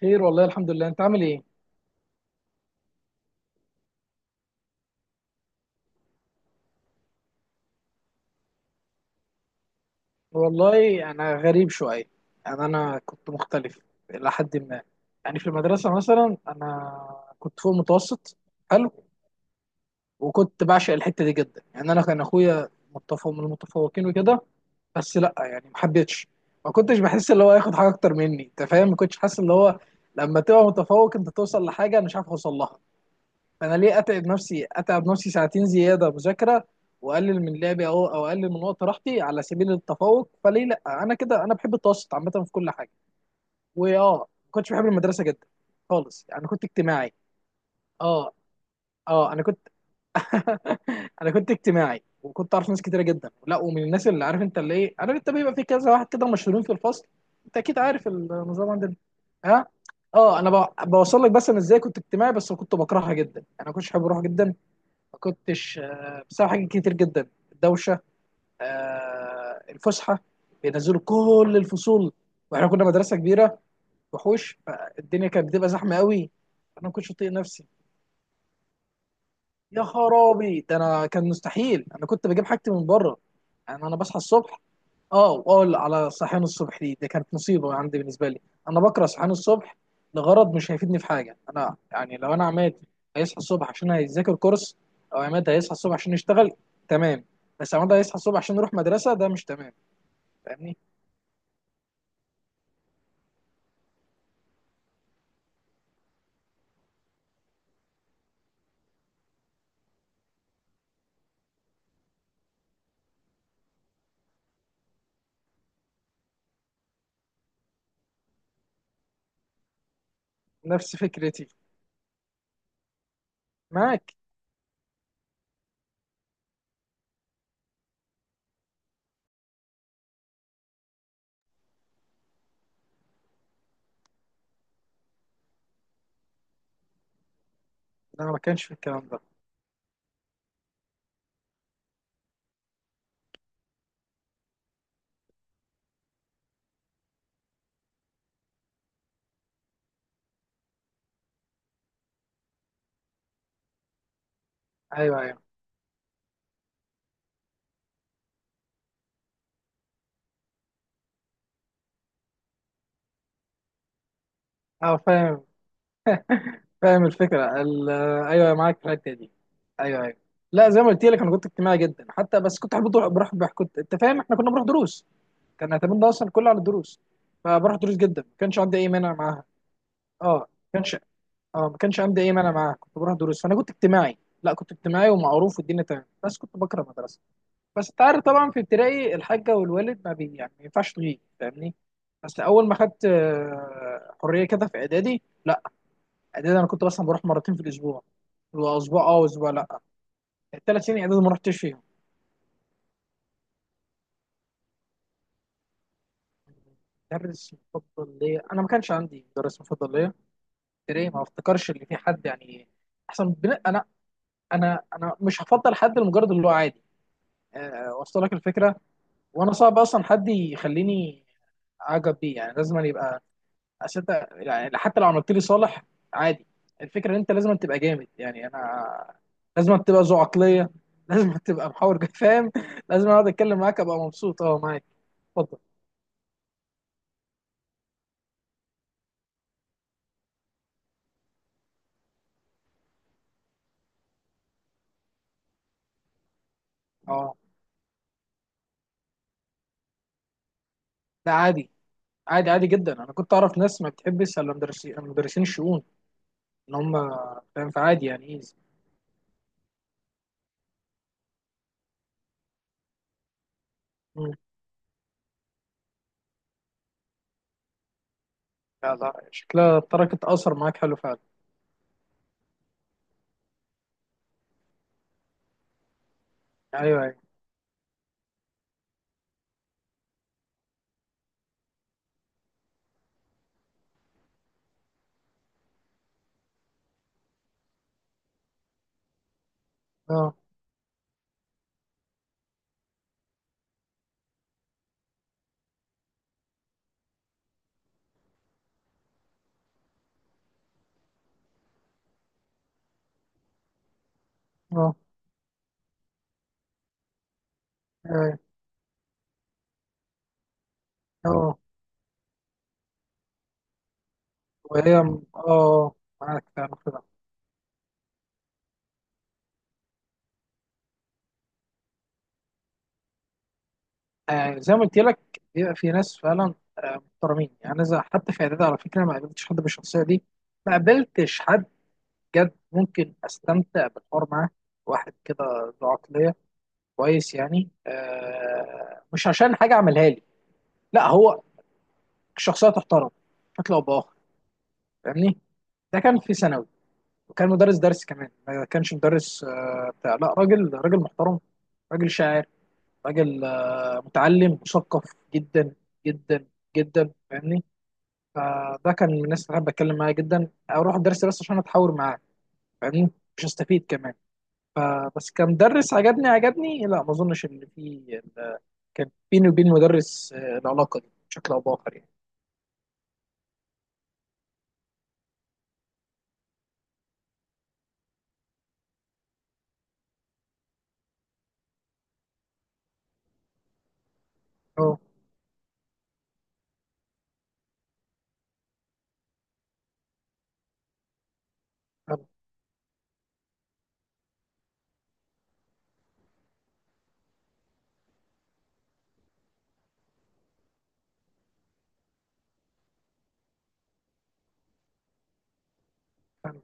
خير والله الحمد لله، انت عامل ايه؟ والله انا غريب شويه. يعني انا كنت مختلف الى حد ما. يعني في المدرسه مثلا انا كنت فوق المتوسط. حلو. وكنت بعشق الحته دي جدا. يعني انا كان اخويا متفوق من المتفوقين وكده. بس لا يعني ما حبيتش، ما كنتش بحس اللي هو ياخد حاجه اكتر مني. انت فاهم؟ ما كنتش حاسس اللي هو لما تبقى متفوق انت توصل لحاجه انا مش عارف اوصل لها. انا ليه اتعب نفسي، اتعب نفسي ساعتين زياده مذاكره، واقلل من لعبي او اقلل من وقت راحتي على سبيل التفوق؟ فليه؟ لا انا كده، انا بحب التوسط عامه في كل حاجه. واه، ما كنتش بحب المدرسه جدا خالص. يعني كنت اجتماعي. اه اه. انا كنت انا كنت اجتماعي، وكنت اعرف ناس كتيره جدا. لا، ومن الناس اللي عارف انت اللي ايه، عارف انت بيبقى في كذا واحد كده مشهورين في الفصل. انت اكيد عارف النظام عندنا. ها. اه انا بوصل لك. بس انا ازاي كنت اجتماعي بس كنت بكرهها جدا، انا كنتش حابب اروح جدا. ما كنتش، بسبب حاجات كتير جدا: الدوشه، الفسحه، بينزلوا كل الفصول، واحنا كنا مدرسه كبيره وحوش، فالدنيا كانت بتبقى زحمه قوي، انا ما كنتش اطيق نفسي. يا خرابي، ده انا كان مستحيل، انا كنت بجيب حاجتي من بره. يعني انا بصحى الصبح. اه، وأقول على صحيان الصبح دي، ده كانت مصيبه عندي بالنسبه لي. انا بكره صحيان الصبح لغرض مش هيفيدني في حاجه. انا يعني لو انا عماد هيصحى الصبح عشان هيذاكر كورس، او عماد هيصحى الصبح عشان يشتغل، تمام. بس عماد هيصحى الصبح عشان يروح مدرسه، ده مش تمام. فاهمني؟ نفس فكرتي. معاك. انا ما كانش في الكلام ده. ايوه ايوه اه، فاهم. فاهم الفكره ال- آه، ايوه، معاك في الحته دي. ايوه ايوه. لا، زي ما قلت لك انا كنت اجتماعي جدا حتى. بس كنت احب بروح، كنت انت فاهم؟ احنا كنا بنروح دروس. كان اعتمادنا ده اصلا كله على الدروس. فبروح دروس جدا، ما كانش عندي اي مانع معاها. اه، كانش اه ما كانش عندي اي مانع معاها، كنت بروح دروس. فانا كنت اجتماعي، لا كنت اجتماعي ومعروف والدنيا تمام، بس كنت بكره المدرسه. بس انت عارف طبعا في ابتدائي الحاجه والوالد ما بي، يعني ما ينفعش تغيب، فاهمني؟ بس اول ما خدت حريه كده في اعدادي، لا، اعدادي انا كنت مثلا بروح مرتين في الاسبوع، واسبوع اه واسبوع لا. الثلاث سنين اعدادي ما رحتش فيهم. مدرس مفضل ليا؟ انا ما كانش عندي مدرس مفضل ليا. تري ما افتكرش ان في حد يعني احسن انا. انا مش هفضل حد لمجرد اللي هو عادي. أه، وصل لك الفكره. وانا صعب اصلا حد يخليني اعجب بيه. يعني لازم أن يبقى أسد. يعني حتى لو عملت لي صالح، عادي. الفكره ان انت لازم أن تبقى جامد. يعني انا لازم أن تبقى ذو عقليه، لازم أن تبقى فاهم. لازم اقعد اتكلم معاك ابقى مبسوط اه معاك. اتفضل. اه، ده عادي، عادي عادي جدا. انا كنت اعرف ناس ما بتحبش الا مدرسين الشؤون. ان هم فاهم، فعادي يعني، ايه. مم. لا لا، شكلها تركت اثر معاك حلو فعلا. ايوه ايوه اه اه ايوه اه. وهي اه، معاك فعلا كده. آه، زي ما قلت لك بيبقى في ناس فعلا آه محترمين. يعني أنا حتى في اعدادي على فكره ما قابلتش حد بالشخصيه دي، ما قابلتش حد جد ممكن استمتع بالحوار معاه، واحد كده ذو عقليه كويس. يعني آه مش عشان حاجه عملها لي، لا، هو شخصيه تحترم بشكل او باخر، فاهمني؟ ده كان في ثانوي. وكان مدرس درس كمان، ما كانش مدرس بتاع، لا راجل، راجل محترم، راجل شاعر، راجل متعلم مثقف جدا جدا جدا، فاهمني؟ فده كان من الناس اللي بحب اتكلم معاه جدا، اروح الدرس بس عشان اتحاور معاه، فاهمني، مش استفيد كمان. فبس كمدرس عجبني. لا ما اظنش ان في، كان بيني وبين مدرس العلاقه دي بشكل او باخر يعني. اه فاهم- فاهم.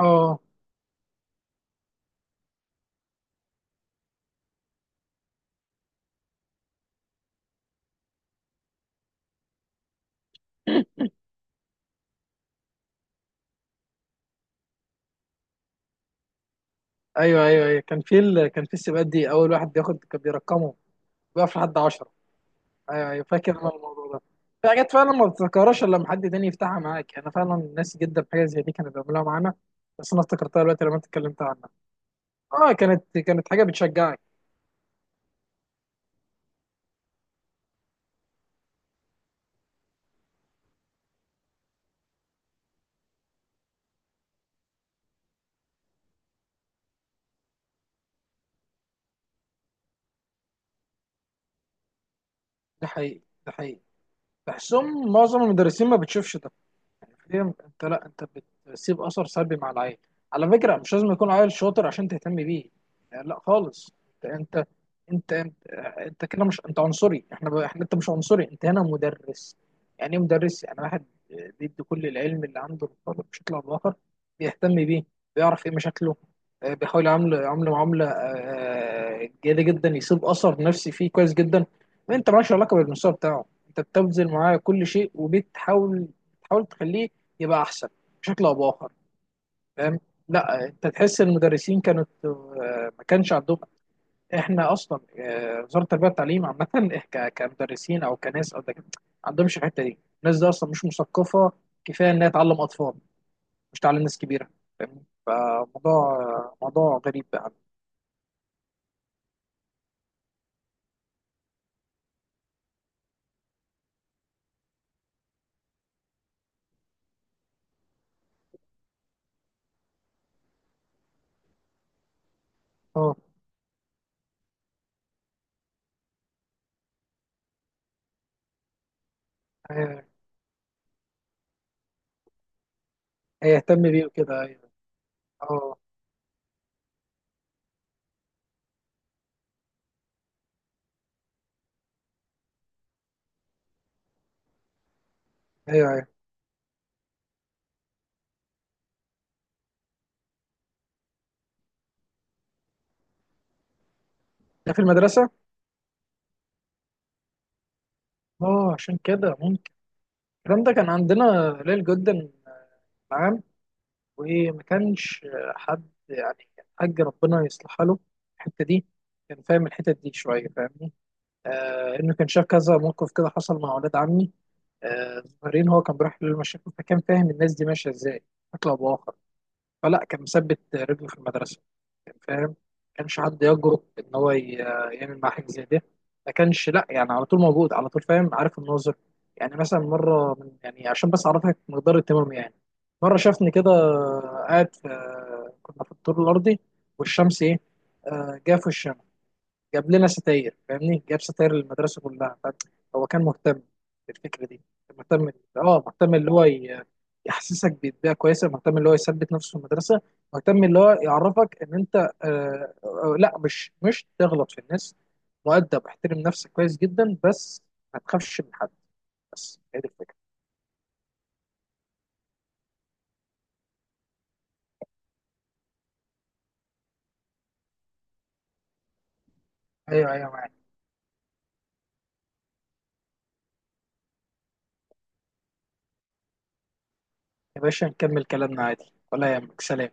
اه. ايوه ايوه ايوه، كان في السباقات دي اول واحد بياخد كان بيرقمه، بيقف لحد 10. ايوه ايوه، فاكر انا الموضوع ده. في حاجات فعلا ما بتتذكرهاش الا لما حد تاني يفتحها معاك. يعني انا فعلا ناسي جدا حاجه زي دي كانوا بيعملوها معانا. بس انا افتكرتها دلوقتي لما انت اتكلمت عنها. اه، كانت حاجه بتشجعك. ده حقيقي، ده حقيقي. بحسهم معظم المدرسين ما بتشوفش. فهمت انت؟ لا، انت بتسيب اثر سلبي مع العيل. على فكره مش لازم يكون عيل شاطر عشان تهتم بيه، يعني لا خالص. انت انت انت انت, انت كده، مش انت عنصري. احنا احنا، انت مش عنصري، انت هنا مدرس. يعني ايه مدرس؟ يعني واحد بيدي كل العلم اللي عنده للطالب بشكل او باخر، بيهتم بيه، بيعرف ايه مشاكله، بيحاول يعامله معامله جيده جدا، يسيب اثر نفسي فيه كويس جدا. انت مالكش علاقه بالمستوى بتاعه، انت بتبذل معاه كل شيء وبتحاول تخليه يبقى احسن بشكل او باخر. فاهم. لا، انت تحس ان المدرسين كانت ما كانش عندهم. احنا اصلا وزاره التربيه والتعليم عامه، كمدرسين او كناس او دكاتره، ما عندهمش الحته دي. الناس دي اصلا مش مثقفه، كفايه انها تعلم اطفال، مش تعلم ناس كبيره، فاهمني؟ فموضوع موضوع غريب بقى. اه آه، هيهتم بيه وكده، ايوه. اه ايوه ايوه، ده في المدرسه. اه عشان كده ممكن الكلام ده كان عندنا قليل جدا معاه. وما كانش حد يعني، حاج ربنا يصلحها له الحته دي. كان فاهم الحتت دي شويه، فاهمني؟ آه، انه كان شاف كذا موقف كده حصل مع اولاد عمي آه صغيرين. هو كان بيروح للمشاكل، فكان فاهم الناس دي ماشيه ازاي بشكل او باخر. فلا، كان مثبت رجله في المدرسه، كان فاهم. ما كانش حد يجرؤ ان هو يعمل مع حاجه زي ده. ما كانش، لا يعني على طول موجود، على طول فاهم، عارف الناظر. يعني مثلا مره، من يعني عشان بس اعرفك مقدار اهتمامي. يعني مره شافني كده قاعد في، كنا في الدور الارضي، والشمس ايه جا في وشنا. جاب لنا ستاير، فاهمني؟ جاب ستاير للمدرسه كلها، فاهم؟ هو كان مهتم بالفكره دي، كان مهتم. اه، مهتم اللي هو يحسسك ببيئه كويسه، مهتم اللي هو يثبت نفسه في المدرسه، مهتم اللي هو يعرفك ان انت آه لا، مش تغلط في الناس، مؤدب، احترم نفسك كويس جدا، بس ما تخافش من حد. بس هي دي الفكره. ايوه ايوه، معاك. يا باشا، نكمل كلامنا عادي. ولا يهمك، سلام.